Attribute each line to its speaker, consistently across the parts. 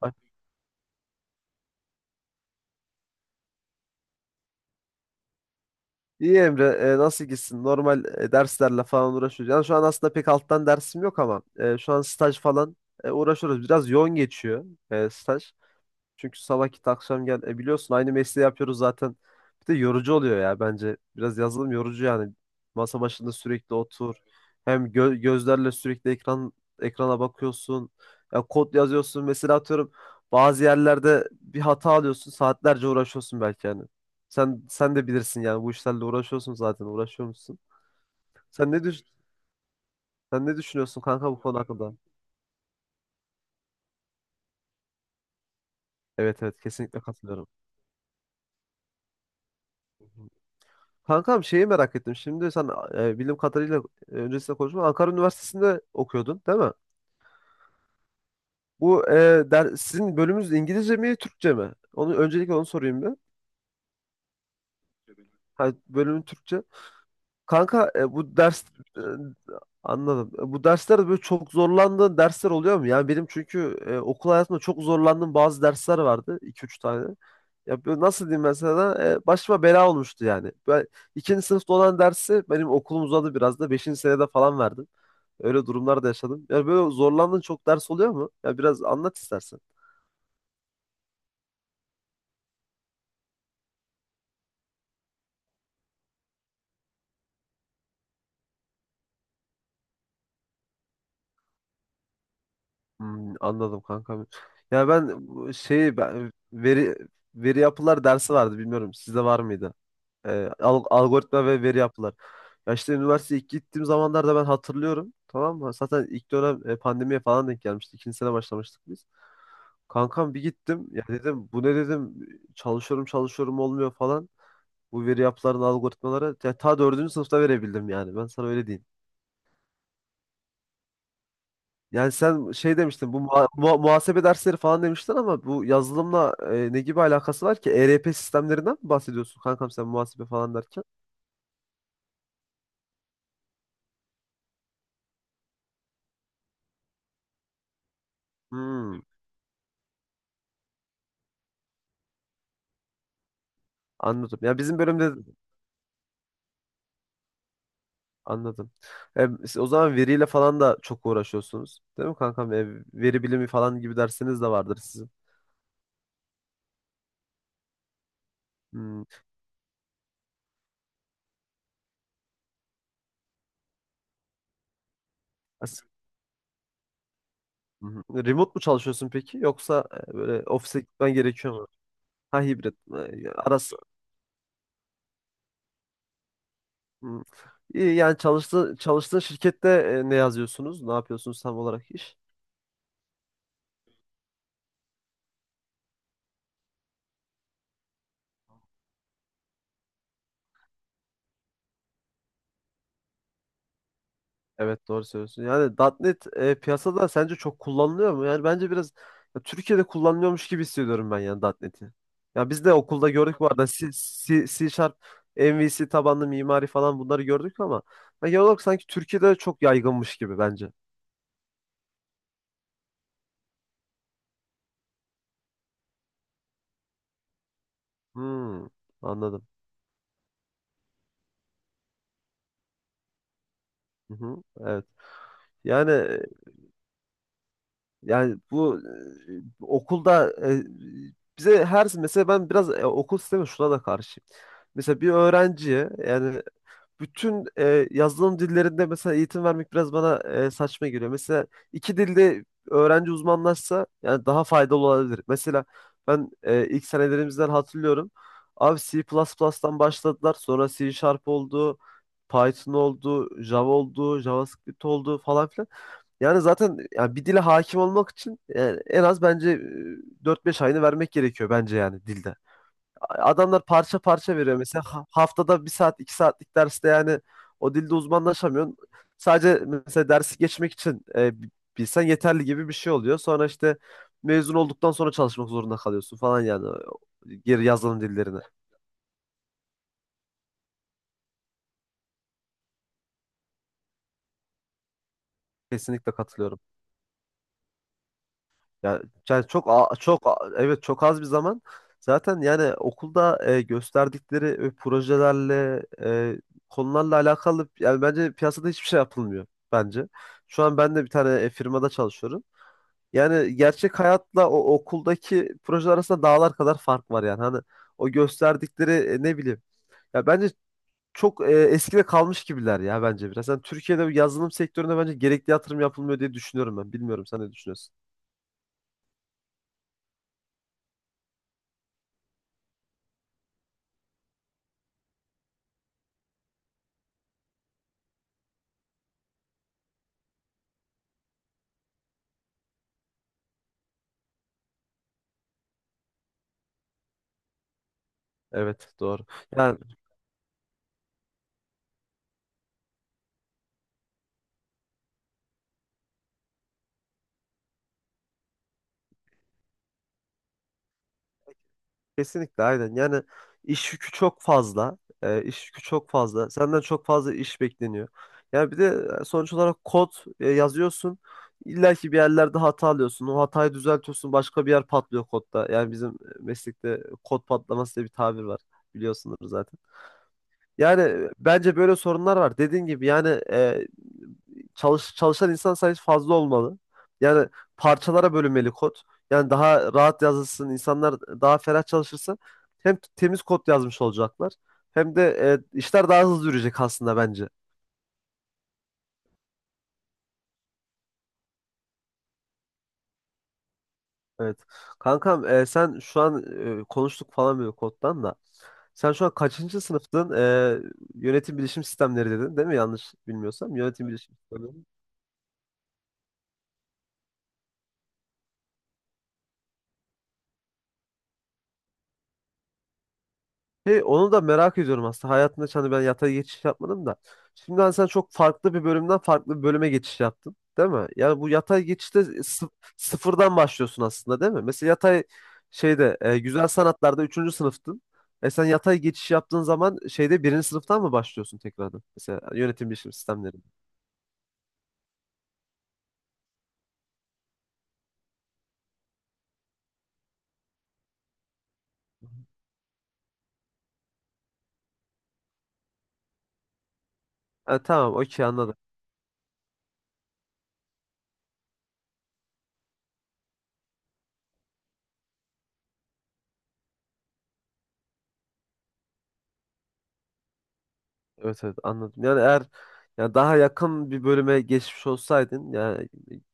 Speaker 1: Ay. İyi Emre, nasıl gitsin? Normal derslerle falan uğraşıyoruz. Yani şu an aslında pek alttan dersim yok ama şu an staj falan uğraşıyoruz. Biraz yoğun geçiyor staj. Çünkü sabah git, akşam gel. Biliyorsun aynı mesleği yapıyoruz zaten. Bir de yorucu oluyor ya, bence. Biraz yazılım yorucu yani. Masa başında sürekli otur. Hem gözlerle sürekli ekrana bakıyorsun. Ya, kod yazıyorsun. Mesela, atıyorum, bazı yerlerde bir hata alıyorsun. Saatlerce uğraşıyorsun belki yani. Sen de bilirsin yani, bu işlerle uğraşıyorsun zaten. Uğraşıyor musun? Sen ne düş Sen ne düşünüyorsun kanka bu konu hakkında? Evet, evet, kesinlikle katılıyorum. Kankam, şeyi merak ettim. Şimdi sen, bildiğim kadarıyla, öncesinde konuşma, Ankara Üniversitesi'nde okuyordun, değil mi? Bu sizin bölümünüz İngilizce mi, Türkçe mi? Onu, öncelikle onu sorayım bir. Ha, bölümün Türkçe. Kanka, e, anladım. Bu derslerde böyle çok zorlandığın dersler oluyor mu? Yani benim, çünkü okul hayatımda çok zorlandığım bazı dersler vardı. İki üç tane. Ya, böyle nasıl diyeyim ben sana? Başıma bela olmuştu yani. İkinci sınıfta olan dersi benim okulum uzadı biraz da. Beşinci senede falan verdim. Öyle durumlar da yaşadım. Yani böyle zorlandığın çok ders oluyor mu? Ya, biraz anlat istersen. Hmm, anladım kanka. Ya ben bu şeyi ben veri Veri yapılar dersi vardı, bilmiyorum. Sizde var mıydı? Algoritma ve veri yapılar. Ya işte üniversiteye ilk gittiğim zamanlarda ben hatırlıyorum. Tamam mı? Zaten ilk dönem pandemiye falan denk gelmişti. İkinci sene başlamıştık biz. Kankam, bir gittim. Ya dedim, bu ne dedim. Çalışıyorum çalışıyorum, olmuyor falan. Bu veri yapıların algoritmaları. Ya ta dördüncü sınıfta verebildim yani. Ben sana öyle diyeyim. Yani sen şey demiştin, bu muhasebe dersleri falan demiştin, ama bu yazılımla ne gibi alakası var ki? ERP sistemlerinden mi bahsediyorsun kankam, sen muhasebe falan derken? Hmm. Anladım. Ya, bizim bölümde anladım. Siz o zaman veriyle falan da çok uğraşıyorsunuz, değil mi kankam? Veri bilimi falan gibi dersiniz de vardır sizin. Hmm. As- Hı hı. Remote mu çalışıyorsun peki? Yoksa böyle ofise gitmen gerekiyor mu? Ha, hibrit. Arası. Hmm. İyi, yani çalıştığın şirkette ne yazıyorsunuz? Ne yapıyorsunuz tam olarak iş? Evet, doğru söylüyorsun. Yani .nokta .NET piyasada sence çok kullanılıyor mu? Yani bence biraz ya, Türkiye'de kullanılıyormuş gibi hissediyorum ben yani .nokta .NET'i. Ya biz de okulda gördük bu arada C Sharp, MVC tabanlı mimari falan, bunları gördük ama ya, genel olarak sanki Türkiye'de çok yaygınmış gibi bence. Hmm, anladım. Hı hı, evet. Yani e, yani bu okulda bize her, mesela ben biraz okul sistemi şuna da karşıyım. Mesela bir öğrenciye yani bütün yazılım dillerinde mesela eğitim vermek biraz bana saçma geliyor. Mesela iki dilde öğrenci uzmanlaşsa yani daha faydalı olabilir. Mesela ben ilk senelerimizden hatırlıyorum. Abi C plus plus'tan başladılar. Sonra C Sharp oldu. Python oldu, Java oldu, JavaScript oldu falan filan. Yani zaten yani bir dile hakim olmak için yani en az bence 4-5 ayını vermek gerekiyor bence yani dilde. Adamlar parça parça veriyor mesela. Haftada bir saat, iki saatlik derste yani o dilde uzmanlaşamıyorsun. Sadece mesela dersi geçmek için bilsen yeterli gibi bir şey oluyor. Sonra işte mezun olduktan sonra çalışmak zorunda kalıyorsun falan, yani geri yazılım dillerine. Kesinlikle katılıyorum. Ya, yani evet, çok az bir zaman. Zaten yani okulda gösterdikleri projelerle konularla alakalı yani bence piyasada hiçbir şey yapılmıyor bence. Şu an ben de bir tane firmada çalışıyorum. Yani gerçek hayatla o okuldaki projeler arasında dağlar kadar fark var yani. Hani o gösterdikleri ne bileyim. Ya bence çok eskide kalmış gibiler ya bence biraz. Yani Türkiye'de bu yazılım sektöründe bence gerekli yatırım yapılmıyor diye düşünüyorum ben. Bilmiyorum, sen ne düşünüyorsun? Evet, doğru. Yani kesinlikle aynen. Yani iş yükü çok fazla. İş yükü çok fazla. Senden çok fazla iş bekleniyor. Yani bir de sonuç olarak kod yazıyorsun. İlla ki bir yerlerde hata alıyorsun. O hatayı düzeltiyorsun. Başka bir yer patlıyor kodda. Yani bizim meslekte kod patlaması diye bir tabir var. Biliyorsunuz zaten. Yani bence böyle sorunlar var. Dediğin gibi yani çalışan insan sayısı fazla olmalı. Yani parçalara bölünmeli kod. Yani daha rahat yazılsın, insanlar daha ferah çalışırsa hem temiz kod yazmış olacaklar hem de işler daha hızlı yürüyecek aslında bence. Evet. Kankam, sen şu an konuştuk falan böyle koddan da. Sen şu an kaçıncı sınıftın? Yönetim bilişim sistemleri dedin, değil mi? Yanlış bilmiyorsam yönetim bilişim sistemleri. Hey, onu da merak ediyorum aslında. Hayatımda hiç, hani ben yatay geçiş yapmadım da. Şimdi hani sen çok farklı bir bölümden farklı bir bölüme geçiş yaptın, değil mi? Yani bu yatay geçişte sıfırdan başlıyorsun aslında, değil mi? Mesela yatay şeyde güzel sanatlarda üçüncü sınıftın. Sen yatay geçiş yaptığın zaman şeyde birinci sınıftan mı başlıyorsun tekrardan? Mesela yönetim bilişim sistemlerinde. Tamam, okey, anladım. Evet, evet, anladım. Yani eğer yani daha yakın bir bölüme geçmiş olsaydın yani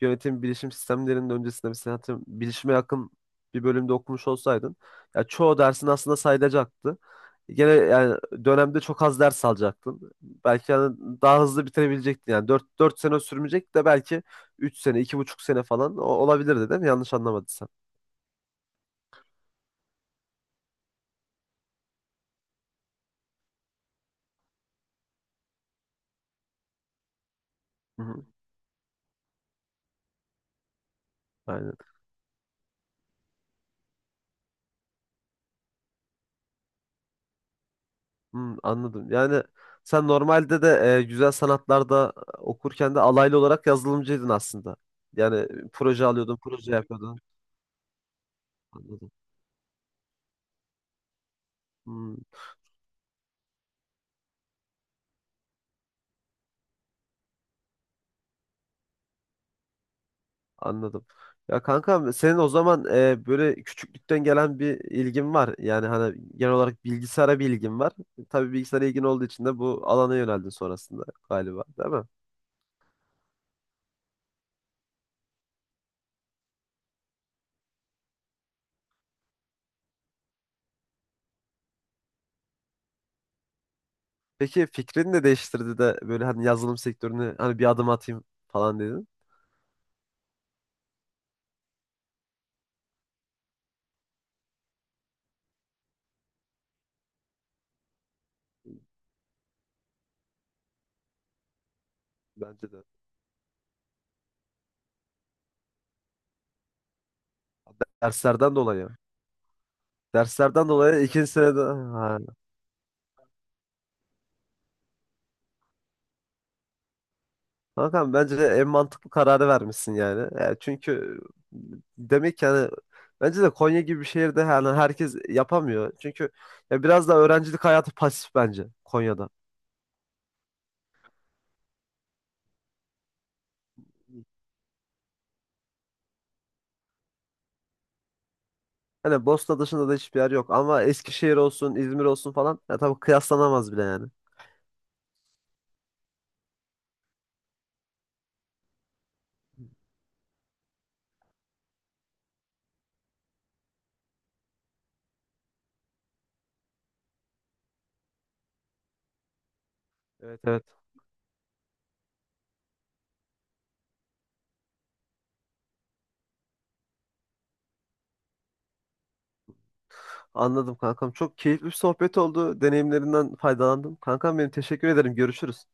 Speaker 1: yönetim bilişim sistemlerinin öncesinde, mesela atıyorum, bilişime yakın bir bölümde okumuş olsaydın ya, çoğu dersin aslında sayılacaktı. Gene yani dönemde çok az ders alacaktın. Belki yani daha hızlı bitirebilecektin. Yani dört sene sürmeyecek de, belki 3 sene, 2,5 sene falan olabilirdi, değil mi? Yanlış anlamadıysam. Hı hı. Aynen. Hmm, anladım. Yani sen normalde de güzel sanatlarda okurken de alaylı olarak yazılımcıydın aslında. Yani proje alıyordun, proje yapıyordun. Anladım. Hmm, anladım. Ya kanka, senin o zaman böyle küçüklükten gelen bir ilgin var. Yani hani genel olarak bilgisayara bir ilgin var. Tabii bilgisayara ilgin olduğu için de bu alana yöneldin sonrasında galiba, değil mi? Peki fikrini de değiştirdi de böyle hani yazılım sektörüne hani bir adım atayım falan dedin. Bence de. Derslerden dolayı. Derslerden dolayı ikinci senede... Ha. Kankam, bence en mantıklı kararı vermişsin yani. Çünkü demek ki hani bence de Konya gibi bir şehirde yani herkes yapamıyor. Çünkü ya, biraz da öğrencilik hayatı pasif bence Konya'da. Hani Bosna dışında da hiçbir yer yok ama Eskişehir olsun, İzmir olsun falan, ya tabii, kıyaslanamaz bile yani. Evet, evet. Anladım kankam. Çok keyifli bir sohbet oldu. Deneyimlerinden faydalandım. Kankam benim, teşekkür ederim. Görüşürüz.